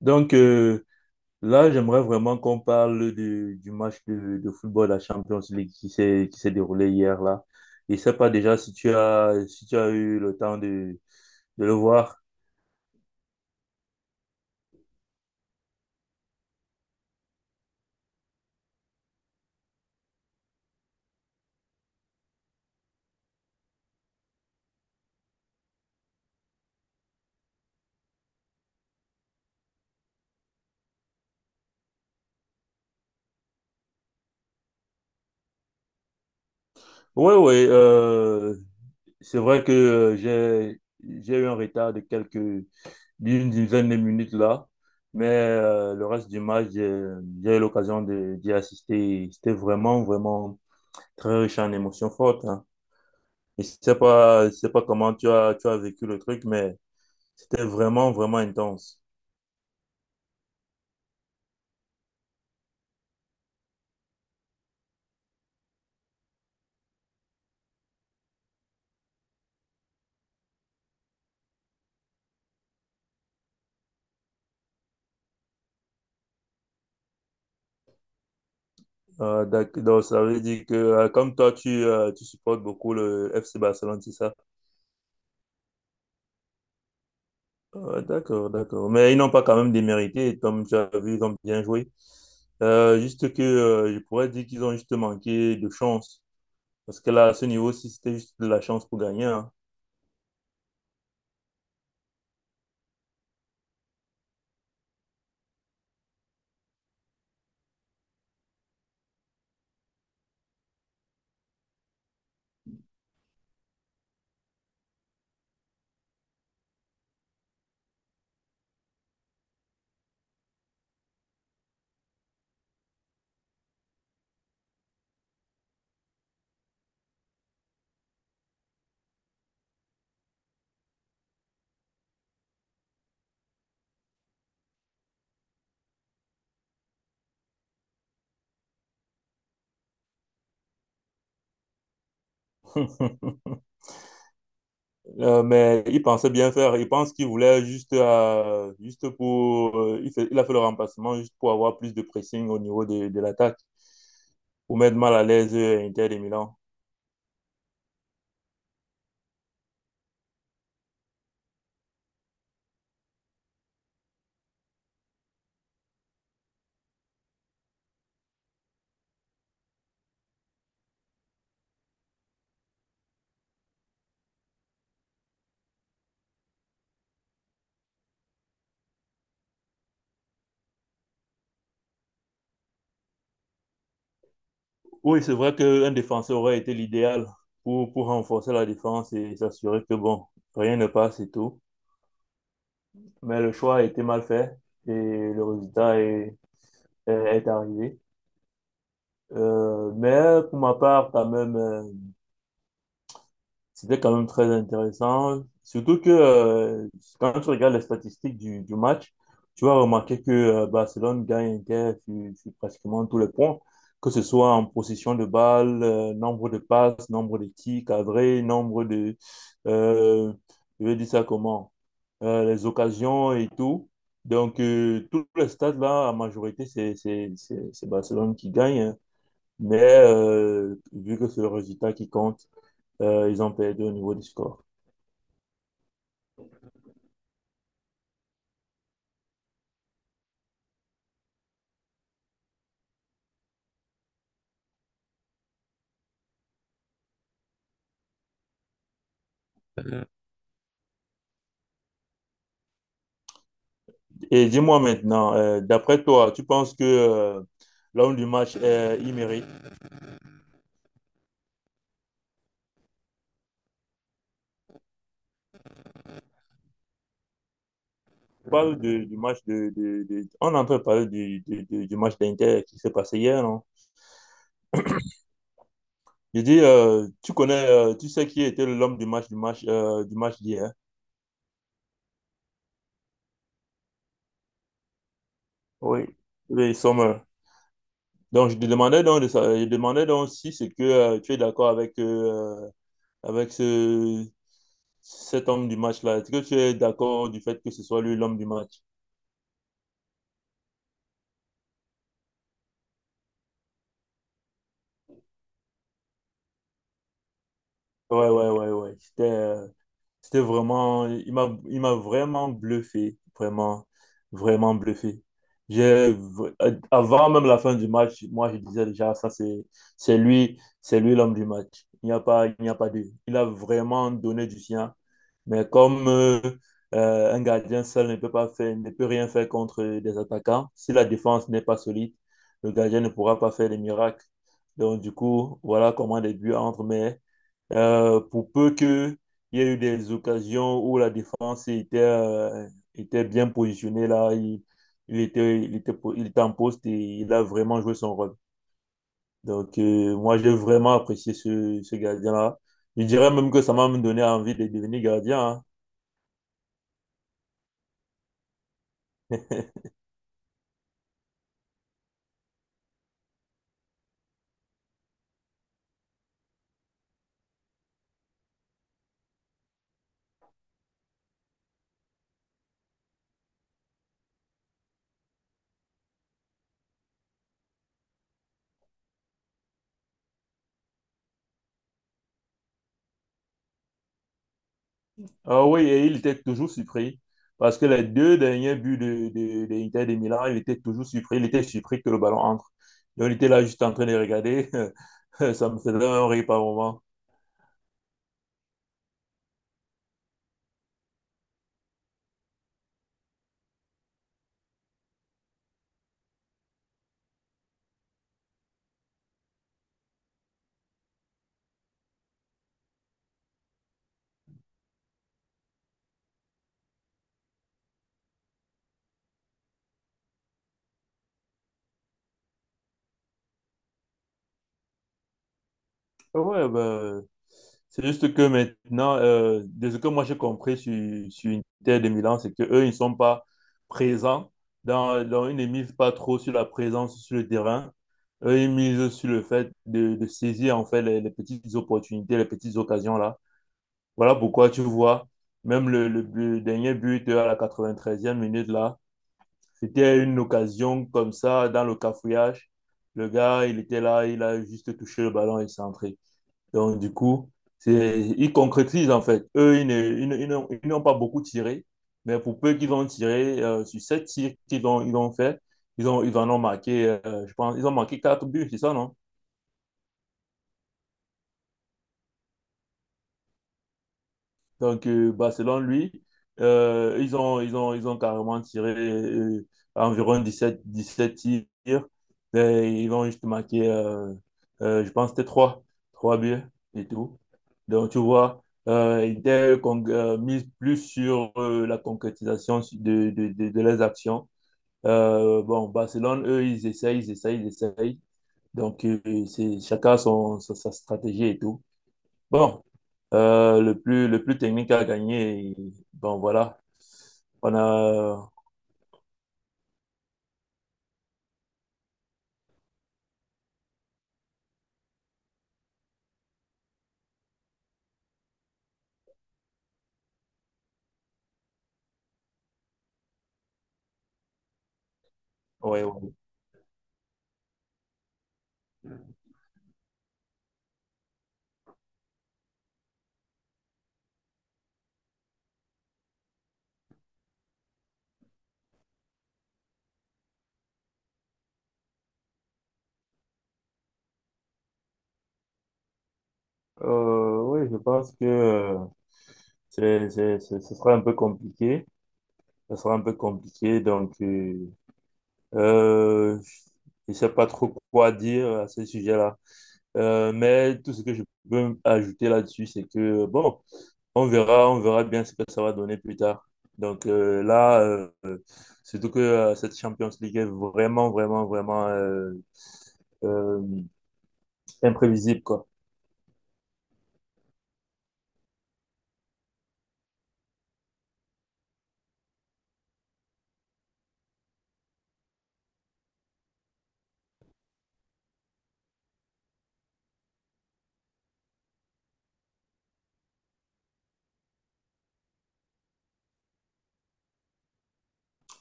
Donc euh, Là, j'aimerais vraiment qu'on parle du match de football de la Champions League qui s'est déroulé hier là. Je sais pas déjà si tu as eu le temps de le voir. Oui, oui. C'est vrai que j'ai eu un retard de quelques d'une dizaine de minutes là, mais le reste du match j'ai eu l'occasion de d'y assister. C'était vraiment vraiment très riche en émotions fortes, hein. Je sais pas comment tu as vécu le truc, mais c'était vraiment, vraiment intense. Donc, ça veut dire que, comme toi, tu supportes beaucoup le FC Barcelone, c'est ça? D'accord, d'accord. Mais ils n'ont pas quand même démérité, comme tu as vu, ils ont bien joué. Juste que, je pourrais dire qu'ils ont juste manqué de chance. Parce que là, à ce niveau-ci, c'était juste de la chance pour gagner, hein. Mais il pensait bien faire. Il pense qu'il voulait juste, juste il a fait le remplacement juste pour avoir plus de pressing au niveau de l'attaque, pour mettre mal à l'aise Inter de Milan. Oui, c'est vrai qu'un défenseur aurait été l'idéal pour renforcer la défense et s'assurer que, bon, rien ne passe et tout. Mais le choix a été mal fait et le résultat est arrivé. Mais pour ma part, quand même, c'était quand même très intéressant. Surtout que quand tu regardes les statistiques du match, tu vas remarquer que Barcelone gagne Inter sur pratiquement tous les points, que ce soit en possession de balle, nombre de passes, nombre de tirs cadrés, nombre de... euh, je vais dire ça comment? Les occasions et tout. Donc, tous les stades là, en majorité, c'est Barcelone qui gagne, hein. Mais vu que c'est le résultat qui compte, ils ont perdu au niveau du score. Et dis-moi maintenant, d'après toi, tu penses que l'homme du match, il mérite? On parle du match on est en train de parler du match d'Inter qui s'est passé hier, non? Je dis, tu sais qui était l'homme du match d'hier? Oui. Oui, Sommer. Donc, je te demandais donc, je demandais donc si c'est que tu es d'accord avec cet homme du match-là. Est-ce que tu es d'accord du fait que ce soit lui l'homme du match? Ouais, ouais, ouais, ouais. C'était vraiment, il m'a vraiment bluffé, vraiment, vraiment bluffé. J'ai, v- Avant même la fin du match, moi je disais déjà, c'est lui l'homme du match. Il n'y a pas deux. Il a vraiment donné du sien. Mais comme un gardien seul ne peut rien faire contre des attaquants, si la défense n'est pas solide, le gardien ne pourra pas faire des miracles. Donc du coup, voilà comment les buts entrent. Mais pour peu qu'il y ait eu des occasions où la défense était bien positionnée, là, il était en poste et il a vraiment joué son rôle. Donc, moi, j'ai vraiment apprécié ce gardien-là. Je dirais même que ça m'a même donné envie de devenir gardien, hein. Ah oui, et il était toujours surpris. Parce que les deux derniers buts de l'Inter de Milan, il était toujours surpris. Il était surpris que le ballon entre. Donc, il était là juste en train de regarder. Ça me faisait un rire par moment. Ouais, bah, c'est juste que maintenant, de ce que moi j'ai compris sur Inter de Milan, c'est qu'eux, ils ne sont pas présents. Ils ne misent pas trop sur la présence sur le terrain. Eux, ils misent sur le fait de saisir en fait les petites opportunités, les petites occasions là. Voilà pourquoi tu vois, même le dernier but à la quatre-vingt-treizième minute là, c'était une occasion comme ça dans le cafouillage. Le gars, il était là, il a juste touché le ballon et il s'est entré. Donc, du coup, ils concrétisent en fait. Eux, ils n'ont pas beaucoup tiré, mais pour peu qu'ils ont tiré, sur sept tirs ils ont fait, ils en ont marqué, je pense, ils ont marqué quatre buts, c'est ça, non? Donc, bah, selon lui, ils ont carrément tiré environ 17 tirs. Et ils ont juste marqué, je pense, que c'était 3 3 buts et tout. Donc, tu vois, ils étaient mis plus sur la concrétisation de leurs actions. Bon, Barcelone, eux, ils essayent, ils essayent, ils essayent. Donc, chacun a sa stratégie et tout. Bon, le plus technique à gagner, bon, voilà. On a. Ouais, ouais. Oui, je pense que ce sera un peu compliqué. Ce sera un peu compliqué. Donc, euh, je ne sais pas trop quoi dire à ce sujet-là. Mais tout ce que je peux ajouter là-dessus, c'est que, bon, on verra bien ce que ça va donner plus tard. Donc là, euh, surtout que cette Champions League est vraiment, vraiment, vraiment euh, imprévisible, quoi.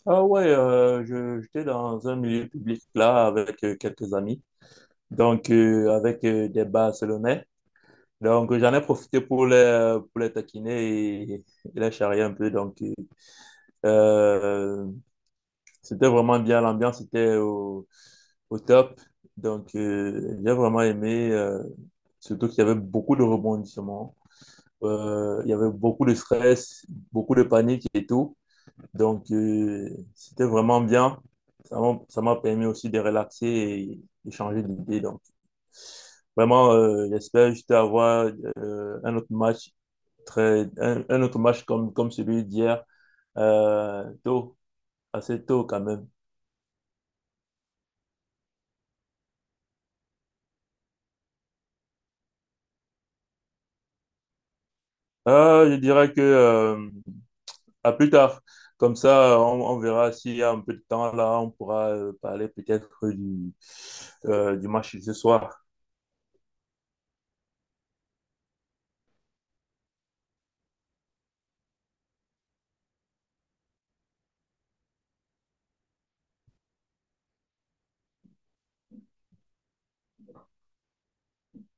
Ah ouais, j'étais dans un milieu public là avec quelques amis, donc avec des Barcelonais. Donc j'en ai profité pour les taquiner et les charrier un peu. Donc euh, c'était vraiment bien, l'ambiance était au top. Donc, j'ai vraiment aimé, surtout qu'il y avait beaucoup de rebondissements. Il y avait beaucoup de stress, beaucoup de panique et tout. Donc, c'était vraiment bien. Ça m'a permis aussi de relaxer et changer d'idée. Donc, vraiment, j'espère juste avoir euh, un autre match un autre match comme celui d'hier, euh, tôt, assez tôt quand même. Je dirais que à plus tard. Comme ça, on verra s'il y a un peu de temps là, on pourra parler peut-être du match de ce soir.